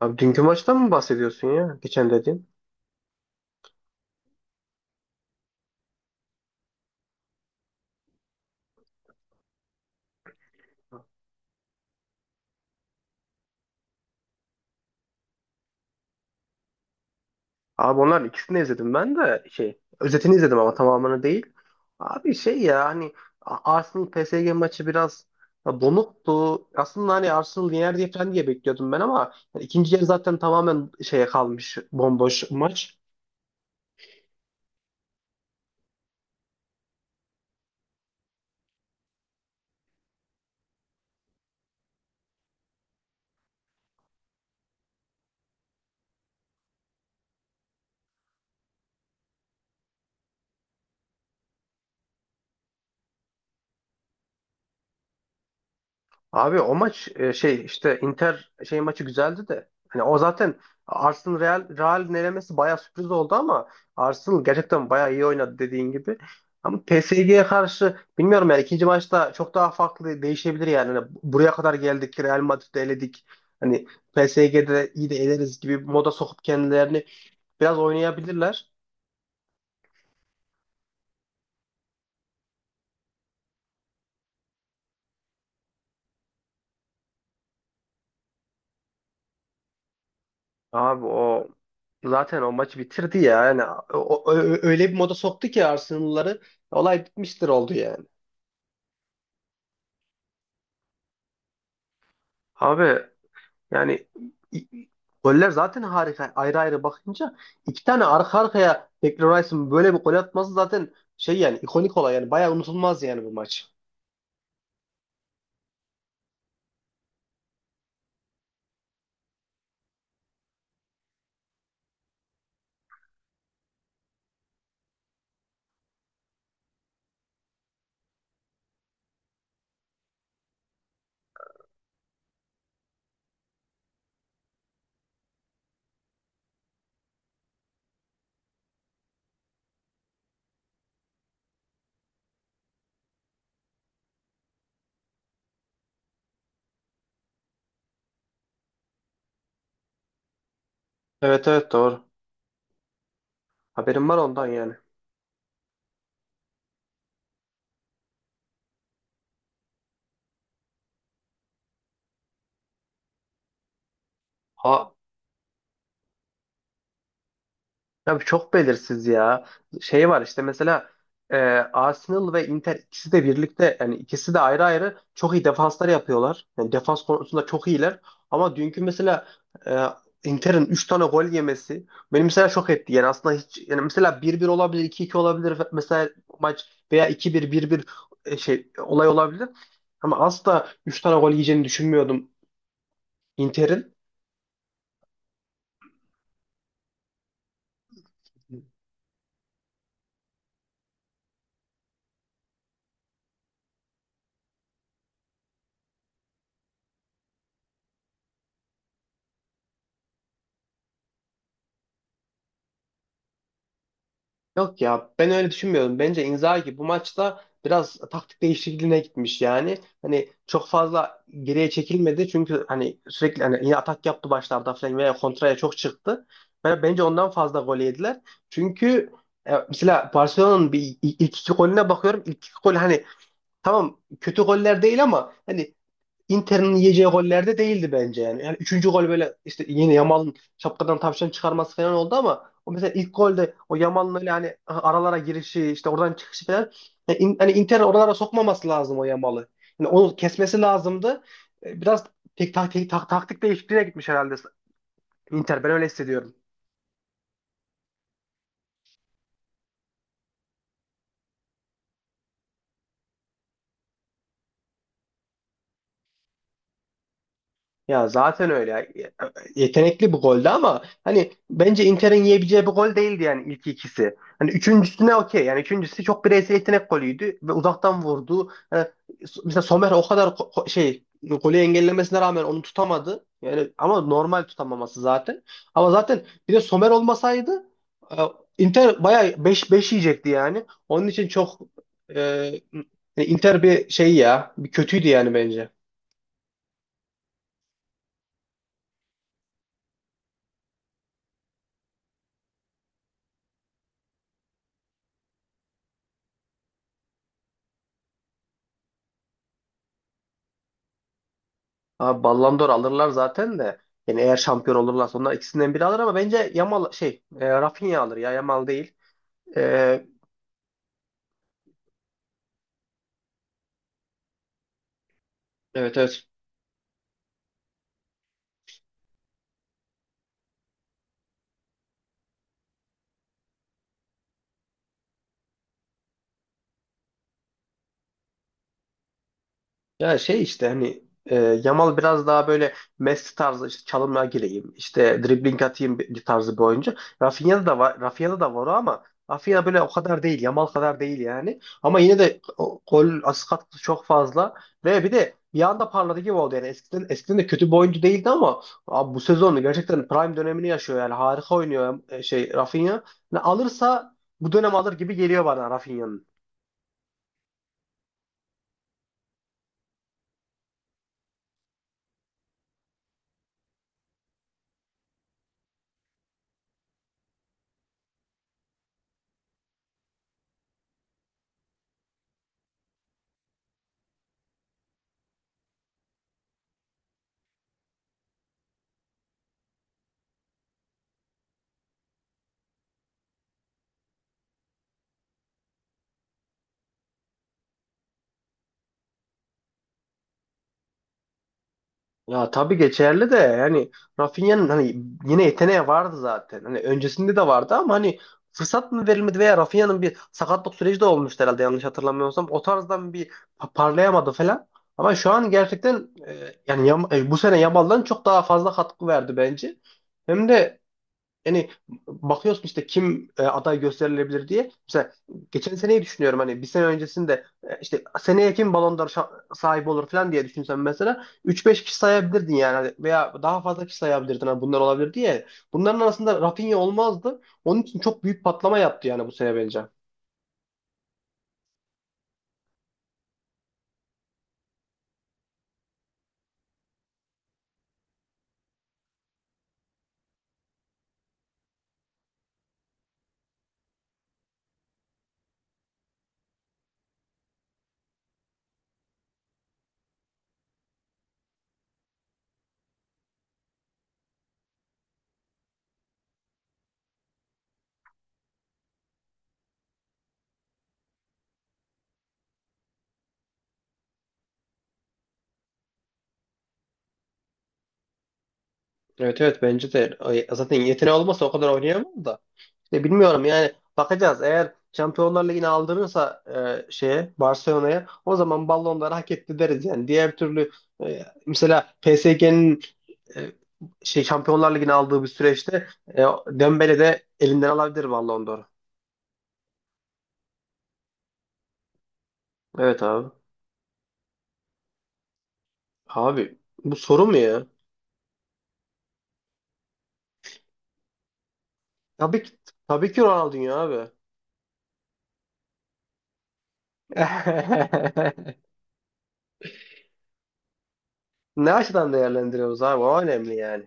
Abi dünkü maçtan mı bahsediyorsun ya? Geçen dediğin. Abi onlar ikisini izledim ben de şey özetini izledim ama tamamını değil. Abi şey ya hani Arsenal PSG maçı biraz donuktu. Aslında hani Arsenal yener diye falan diye bekliyordum ben ama yani ikinci yarı zaten tamamen şeye kalmış bomboş maç. Abi o maç şey işte Inter şey maçı güzeldi de. Hani o zaten Arsenal Real'in elemesi bayağı sürpriz oldu ama Arsenal gerçekten bayağı iyi oynadı dediğin gibi. Ama PSG'ye karşı bilmiyorum yani ikinci maçta çok daha farklı değişebilir yani. Hani buraya kadar geldik Real Madrid'i eledik. Hani PSG'de iyi de eleriz gibi bir moda sokup kendilerini biraz oynayabilirler. Abi o zaten o maçı bitirdi ya. Yani o- o- öyle bir moda soktu ki Arsenal'ları olay bitmiştir oldu yani. Abi yani i- i- goller zaten harika. Ayrı ayrı bakınca iki tane arka arkaya Declan Rice'ın böyle bir gol atması zaten şey yani ikonik olay yani bayağı unutulmaz yani bu maç. Evet, evet, doğru. Haberim var ondan yani. Ha, ya bu çok belirsiz ya. Şey var işte mesela e, Arsenal ve Inter ikisi de birlikte yani ikisi de ayrı ayrı çok iyi defanslar yapıyorlar. Yani defans konusunda çok iyiler. Ama dünkü mesela e, Inter'in 3 tane gol yemesi beni mesela şok etti. Yani aslında hiç yani mesela bir bir olabilir, iki iki olabilir mesela maç veya iki bir bir bir şey olay olabilir. Ama asla 3 tane gol yiyeceğini düşünmüyordum Inter'in. Yok ya ben öyle düşünmüyorum. Bence Inzaghi bu maçta biraz taktik değişikliğine gitmiş yani. Hani çok fazla geriye çekilmedi çünkü hani sürekli hani yine atak yaptı başlarda falan veya kontraya çok çıktı. Bence ondan fazla gol yediler. Çünkü mesela Barcelona'nın bir ilk iki golüne bakıyorum. İlk iki gol hani tamam kötü goller değil ama hani Inter'in yiyeceği gollerde değildi bence yani. Yani üçüncü gol böyle işte yine Yamal'ın şapkadan tavşan çıkarması falan oldu ama o mesela ilk golde o Yamal'ın öyle hani aralara girişi işte oradan çıkışı falan yani hani Inter oralara sokmaması lazım o Yamal'ı. Yani onu kesmesi lazımdı. Biraz taktik değişikliğine gitmiş herhalde Inter. Ben öyle hissediyorum. Ya zaten öyle. Yetenekli bu golde ama hani bence Inter'in yiyebileceği bir gol değildi yani ilk ikisi. Hani üçüncüsüne okey. Yani üçüncüsü çok bireysel yetenek golüydü ve uzaktan vurdu. Hani mesela Sommer o kadar şey golü engellemesine rağmen onu tutamadı. Yani ama normal tutamaması zaten. Ama zaten bir de Sommer olmasaydı e, Inter bayağı 5-5 yiyecekti yani. Onun için çok e, hani Inter bir şey ya, bir kötüydü yani bence. Abi Ballon d'Or alırlar zaten de. Yani eğer şampiyon olurlarsa onlar ikisinden biri alır ama bence Yamal şey Rafinha alır ya Yamal değil. E, evet, evet. Ya şey işte hani Yamal biraz daha böyle Messi tarzı işte çalımla gireyim, işte dribbling atayım bir tarzı bir oyuncu. Rafinha'da da var, Rafinha'da da var o ama Rafinha böyle o kadar değil, Yamal kadar değil yani. Ama yine de gol asist katkısı çok fazla ve bir de bir anda parladı gibi oldu yani eskiden eskiden de kötü bir oyuncu değildi ama abi bu sezonu gerçekten prime dönemini yaşıyor yani harika oynuyor şey Rafinha. Yani alırsa bu dönem alır gibi geliyor bana Rafinha'nın. Ya tabii geçerli de yani Rafinha'nın hani yine yeteneği vardı zaten. Hani öncesinde de vardı ama hani fırsat mı verilmedi veya Rafinha'nın bir sakatlık süreci de olmuştu herhalde yanlış hatırlamıyorsam. O tarzdan bir parlayamadı falan. Ama şu an gerçekten yani bu sene Yamal'dan çok daha fazla katkı verdi bence. Hem de yani bakıyorsun işte kim aday gösterilebilir diye. Mesela geçen seneyi düşünüyorum hani bir sene öncesinde işte seneye kim Ballon d'Or sahibi olur falan diye düşünsem mesela 3-5 kişi sayabilirdin yani hani veya daha fazla kişi sayabilirdin hani bunlar olabilir diye. Bunların arasında Rafinha olmazdı. Onun için çok büyük patlama yaptı yani bu sene bence. Evet, evet, bence de. Zaten yeteneği olmasa o kadar oynayamaz da. Ya bilmiyorum yani bakacağız. Eğer Şampiyonlar Ligi'ni aldırırsa şeye Barcelona'ya o zaman ballonları hak etti deriz yani. Diğer türlü mesela PSG'nin e, şey Şampiyonlar Ligi'ni aldığı bir süreçte Dembele de elinden alabilir Ballon d'Or'u. Evet abi. Abi bu soru mu ya? Tabii ki, tabii ki Ronaldinho abi. Ne açıdan değerlendiriyoruz abi? O önemli yani.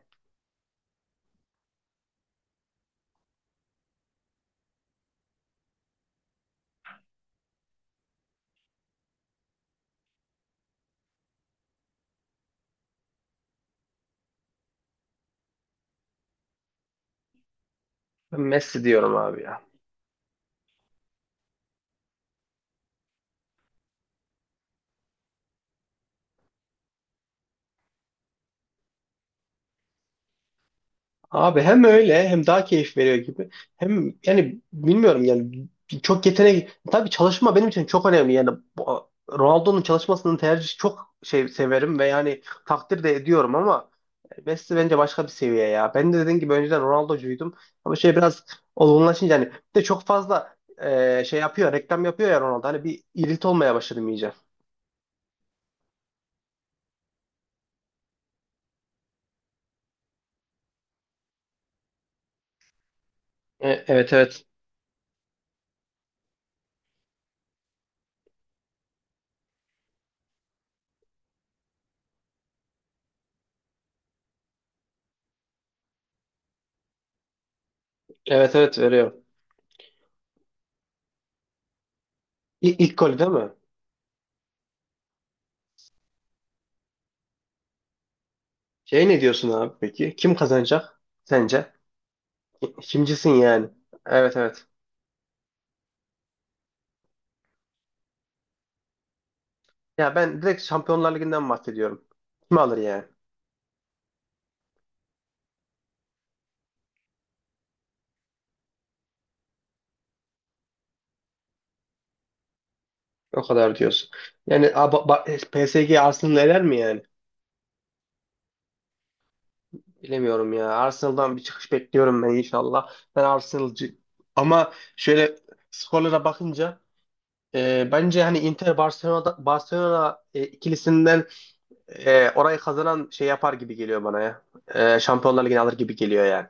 Ben Messi diyorum abi ya. Abi hem öyle hem daha keyif veriyor gibi. Hem yani bilmiyorum yani çok yetenek tabii çalışma benim için çok önemli yani Ronaldo'nun çalışmasını tercih çok şey severim ve yani takdir de ediyorum ama Messi bence başka bir seviye ya. Ben de dediğim gibi önceden Ronaldo'cuydum ama şey biraz olgunlaşınca hani bir de çok fazla şey yapıyor reklam yapıyor ya Ronaldo hani bir irit olmaya başladım iyice. Evet, evet, evet, evet, veriyor. İlk golü değil mi? Şey ne diyorsun abi peki? Kim kazanacak sence? Kimcisin yani? Evet, evet. Ya ben direkt Şampiyonlar Ligi'nden bahsediyorum. Kim alır yani? O kadar diyorsun. Yani PSG Arsenal eler mi yani? Bilemiyorum ya. Arsenal'dan bir çıkış bekliyorum ben inşallah. Ben Arsenal'cı. Ama şöyle skorlara bakınca bence hani Inter Barcelona Barcelona ikilisinden orayı kazanan şey yapar gibi geliyor bana ya. Şampiyonlar Ligi'ni alır gibi geliyor yani.